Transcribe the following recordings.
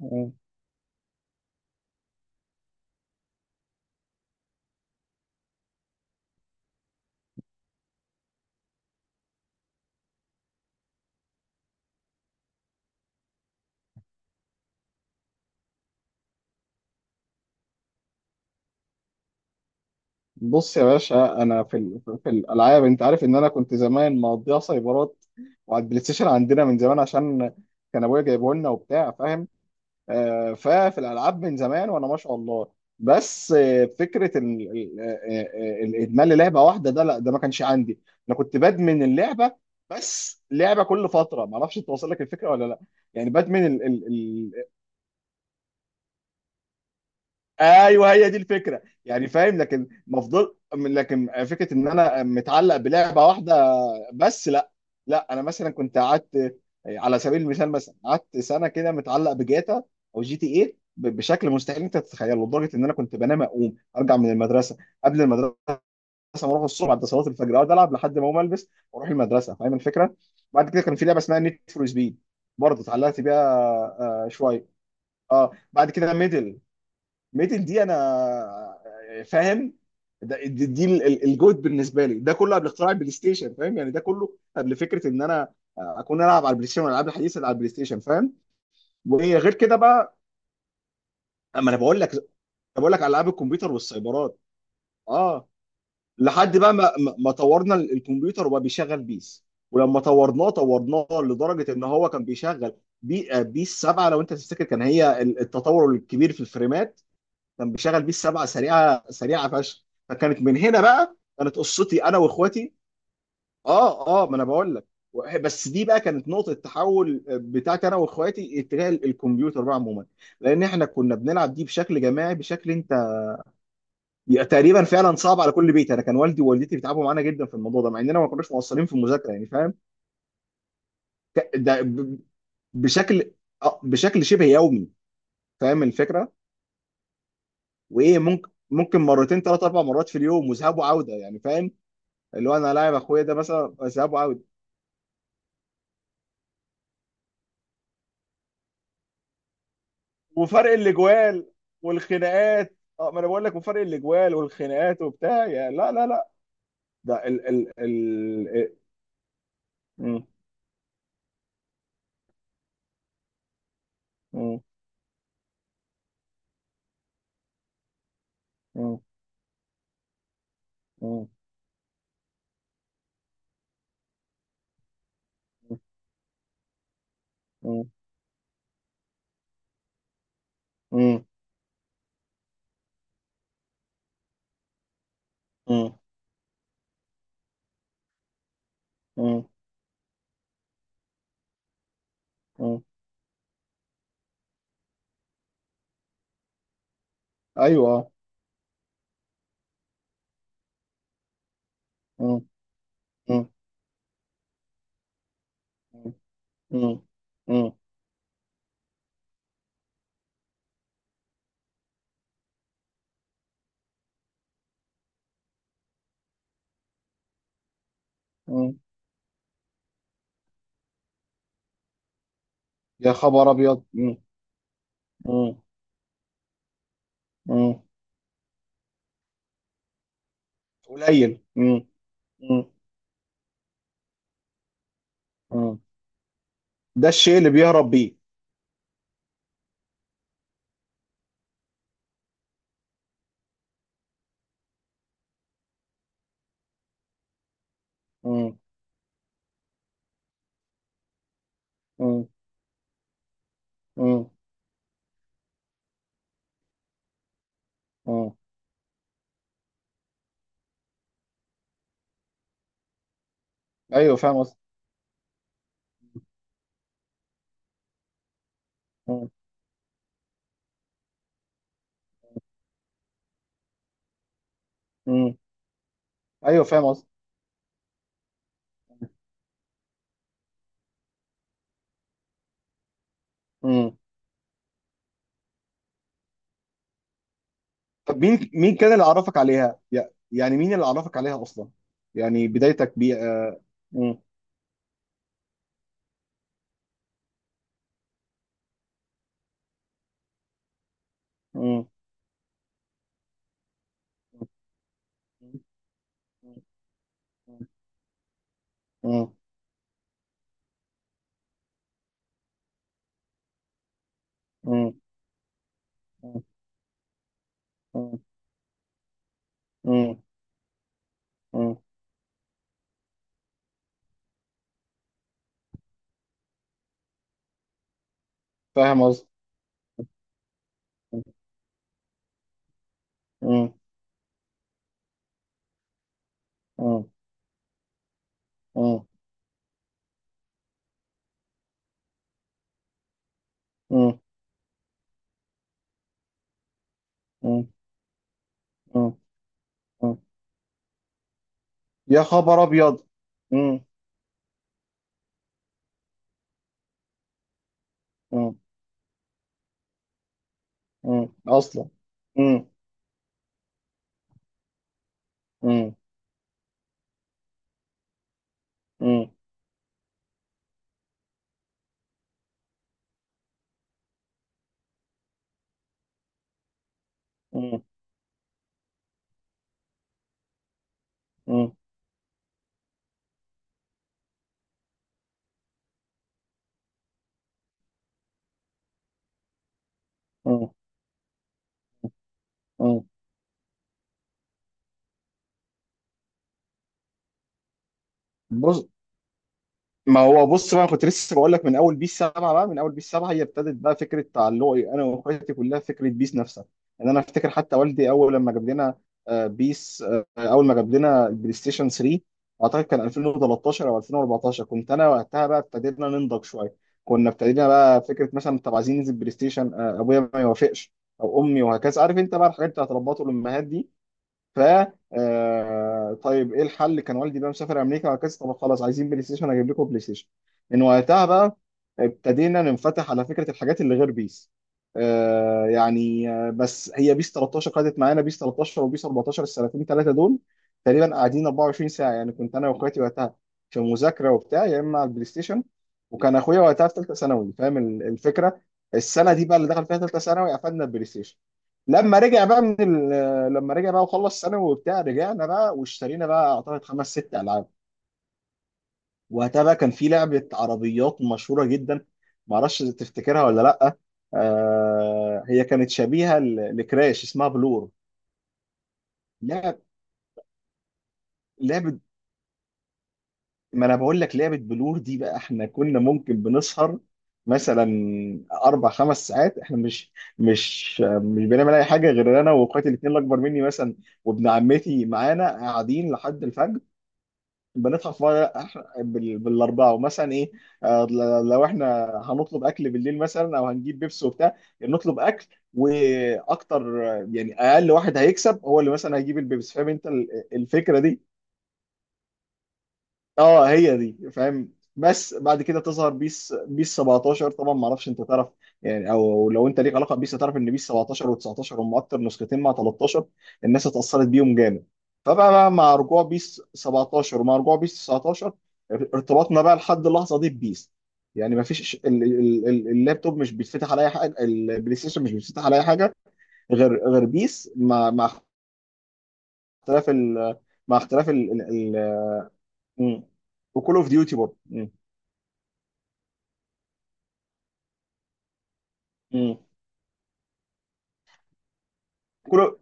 مم. بص يا باشا، انا في ال... في في الالعاب. انت عارف ان انا كنت زمان مقضيها سايبرات وعلى البلاي ستيشن عندنا من زمان، عشان كان ابويا جايبه لنا وبتاع، فاهم. ففي الالعاب من زمان وانا ما شاء الله. بس فكره ال... ال... آه، آه، الادمان للعبه واحده، ده لا، ده ما كانش عندي. انا كنت بدمن اللعبه، بس لعبه كل فتره، ما اعرفش توصل لك الفكره ولا لا، يعني بدمن. ايوه، هي دي الفكره يعني، فاهم؟ لكن مفضل، لكن فكره ان انا متعلق بلعبه واحده، بس لا. لا، انا مثلا كنت قعدت، على سبيل المثال، مثلا قعدت سنه كده متعلق بجاتا او جي تي ايه، بشكل مستحيل انت تتخيله، لدرجه ان انا كنت بنام اقوم ارجع من المدرسه، قبل المدرسه ما اروح الصبح، بعد صلاه الفجر اقعد العب لحد ما اقوم البس واروح المدرسه، فاهم الفكره. بعد كده كان في لعبه اسمها نيد فور سبيد، برضه اتعلقت بيها شويه. اه، بعد كده ميدن دي انا، فاهم. ده دي, دي ال- ال- الجوت بالنسبه لي، ده كله قبل اختراع البلاي ستيشن، فاهم؟ يعني ده كله قبل فكره ان انا اكون العب على البلاي ستيشن، والالعاب الحديثه اللي على البلاي ستيشن، فاهم. وغير كده بقى، اما انا بقول لك على العاب الكمبيوتر والسايبرات. اه، لحد بقى ما طورنا الكمبيوتر وبقى بيشغل بيس، ولما طورناه لدرجه ان هو كان بيشغل بي آه، بيس 7، لو انت تفتكر، كان هي التطور الكبير في الفريمات. كان بيشغل بيه السبعه، سريعه سريعه فشخ، فكانت من هنا بقى كانت قصتي انا واخواتي. اه اه، ما انا بقول لك، بس دي بقى كانت نقطه التحول بتاعتي انا واخواتي اتجاه الكمبيوتر بقى عموما، لان احنا كنا بنلعب دي بشكل جماعي، بشكل انت تقريبا فعلا صعب على كل بيت. انا كان والدي ووالدتي بيتعبوا معانا جدا في الموضوع ده، مع اننا ما كناش مقصرين في المذاكره، يعني فاهم. ك- ده ب- بشكل آه، بشكل شبه يومي، فاهم الفكره. وايه، ممكن مرتين، ثلاث، اربع مرات في اليوم، وذهاب وعوده، يعني فاهم. اللي هو انا لاعب اخويا ده مثلا ذهاب واوت، وفرق الاجوال والخناقات. اه، ما انا بقول لك، وفرق الاجوال والخناقات وبتاع، يا لا لا لا. ده ال ال ال م- م-. م-. م-. م-. م-. م-. م-. م-. ايوه. م-. م-. م-. م-. م-. يا خبر ابيض. م-. م-. م-. قليل. م-. م-. م. ده الشيء اللي بيهرب بيه. م-. م-. م-. م. ايوه، فاهم قصدي. امم. ايوه، فاهم قصدي. امم. طب مين، مين كان اللي عرفك عليها يع- يعني مين اللي عرفك عليها اصلا، يعني بدايتك بيه. امم. امم. امم. امم. امم. امم. فاهم قصدي. امم. امم. امم. امم. امم. امم. يا خبر ابيض. امم. امم. امم. اصلا. امم. امم. امم. امم. امم. امم. بص. ما هو بص بقى كنت لسه بقول لك، من اول بيس 7 بقى، من اول بيس 7 هي ابتدت بقى فكره تعلقي انا واخواتي كلها فكره بيس نفسها. ان انا افتكر حتى والدي اول لما جاب لنا آه، بيس آه، اول ما جاب لنا البلاي ستيشن 3، اعتقد كان 2013 او 2014، كنت انا وقتها بقى ابتدينا ننضج شويه. كنا ابتدينا بقى فكره مثلا طب عايزين ننزل بلاي ستيشن، ابويا ما يوافقش او امي، وهكذا، عارف انت بقى الحاجات بتاعت ربات الامهات دي. ف طيب ايه الحل، كان والدي بقى مسافر امريكا وهكذا، طب خلاص، عايزين بلاي ستيشن، اجيب لكم بلاي ستيشن. من وقتها بقى ابتدينا ننفتح على فكره الحاجات اللي غير بيس. آه يعني بس هي بيس 13 قعدت معانا، بيس 13 وبيس 14، السنتين ثلاثه دول تقريبا قاعدين 24 ساعه، يعني كنت انا واخواتي وقتها في مذاكره وبتاع، يا اما على البلاي ستيشن. وكان اخويا وقتها في ثالثه ثانوي، فاهم الفكره. السنه دي بقى اللي دخل فيها ثالثه ثانوي، قفلنا البلاي ستيشن. لما رجع بقى من لما رجع بقى وخلص ثانوي وبتاع، رجعنا بقى واشترينا بقى اعتقد خمس ست العاب. وقتها بقى كان في لعبه عربيات مشهوره جدا، معرفش تفتكرها ولا لا، آه هي كانت شبيهه لكراش، اسمها بلور. لعب لعبه، ما انا بقول لك، لعبه بلور دي بقى احنا كنا ممكن بنسهر مثلا اربع، خمس ساعات، احنا مش بنعمل اي حاجه، غير انا واخواتي الاثنين الاكبر مني مثلا وابن عمتي معانا، قاعدين لحد الفجر. بندفع في مرة، بالاربعه، ومثلا ايه، لو احنا هنطلب اكل بالليل مثلا او هنجيب بيبسي وبتاع، نطلب اكل واكتر، يعني اقل واحد هيكسب هو اللي مثلا هيجيب البيبسي، فاهم انت الفكره دي. اه، هي دي، فاهم. بس بعد كده تظهر بيس 17، طبعا ما اعرفش انت تعرف يعني، او لو انت ليك علاقه بيس، هتعرف ان بيس 17 و19 هم اكتر نسختين، مع 13، الناس اتاثرت بيهم جامد. فبقى بقى مع رجوع بيس 17 ومع رجوع بيس 19، ارتباطنا بقى لحد اللحظه دي ببيس، يعني ما فيش، اللابتوب مش بيتفتح على اي حاجه، البلاي ستيشن مش بيتفتح على اي حاجه غير بيس، مع اختلاف ال، مع اختلاف ال ال- ال- مم. وكول اوف ديوتي برضه. مم. كل،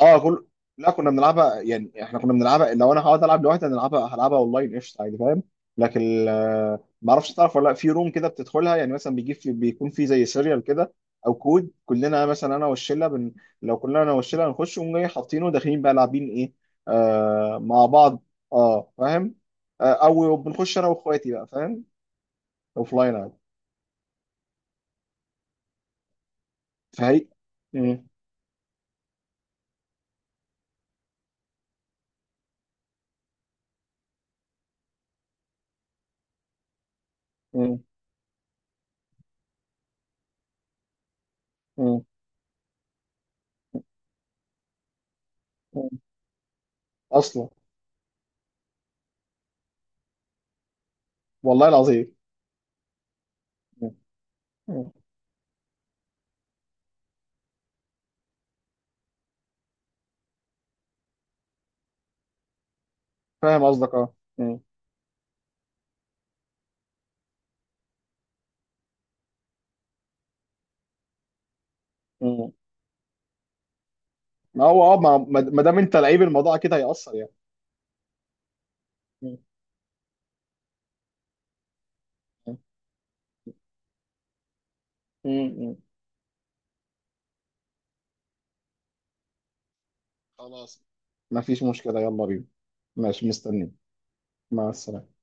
اه، كل، لا كنا بنلعبها، يعني احنا كنا بنلعبها، لو انا هقعد العب لوحدي هنلعبها، هلعبها اونلاين قشطه عادي، فاهم. لكن ما اعرفش تعرف ولا لا، في روم كده بتدخلها، يعني مثلا بيجيب، في بيكون في زي سيريال كده او كود، كلنا مثلا انا والشله لو كلنا انا والشله هنخش ونقوم جاي حاطينه، داخلين بقى لاعبين ايه. آه، مع بعض، اه فاهم. آه، او بنخش انا واخواتي بقى، فاهم، اوف لاين عادي. فهي. مم. مم. مم. مم. اصلا. والله العظيم. فاهم قصدك، اه. مم. مم. ما هو اه، ما دام انت لعيب، الموضوع كده هيأثر يعني. مم. مم. مم. خلاص، ما فيش مشكلة، يلا بينا. ماشي، مستنيك. مع السلامة.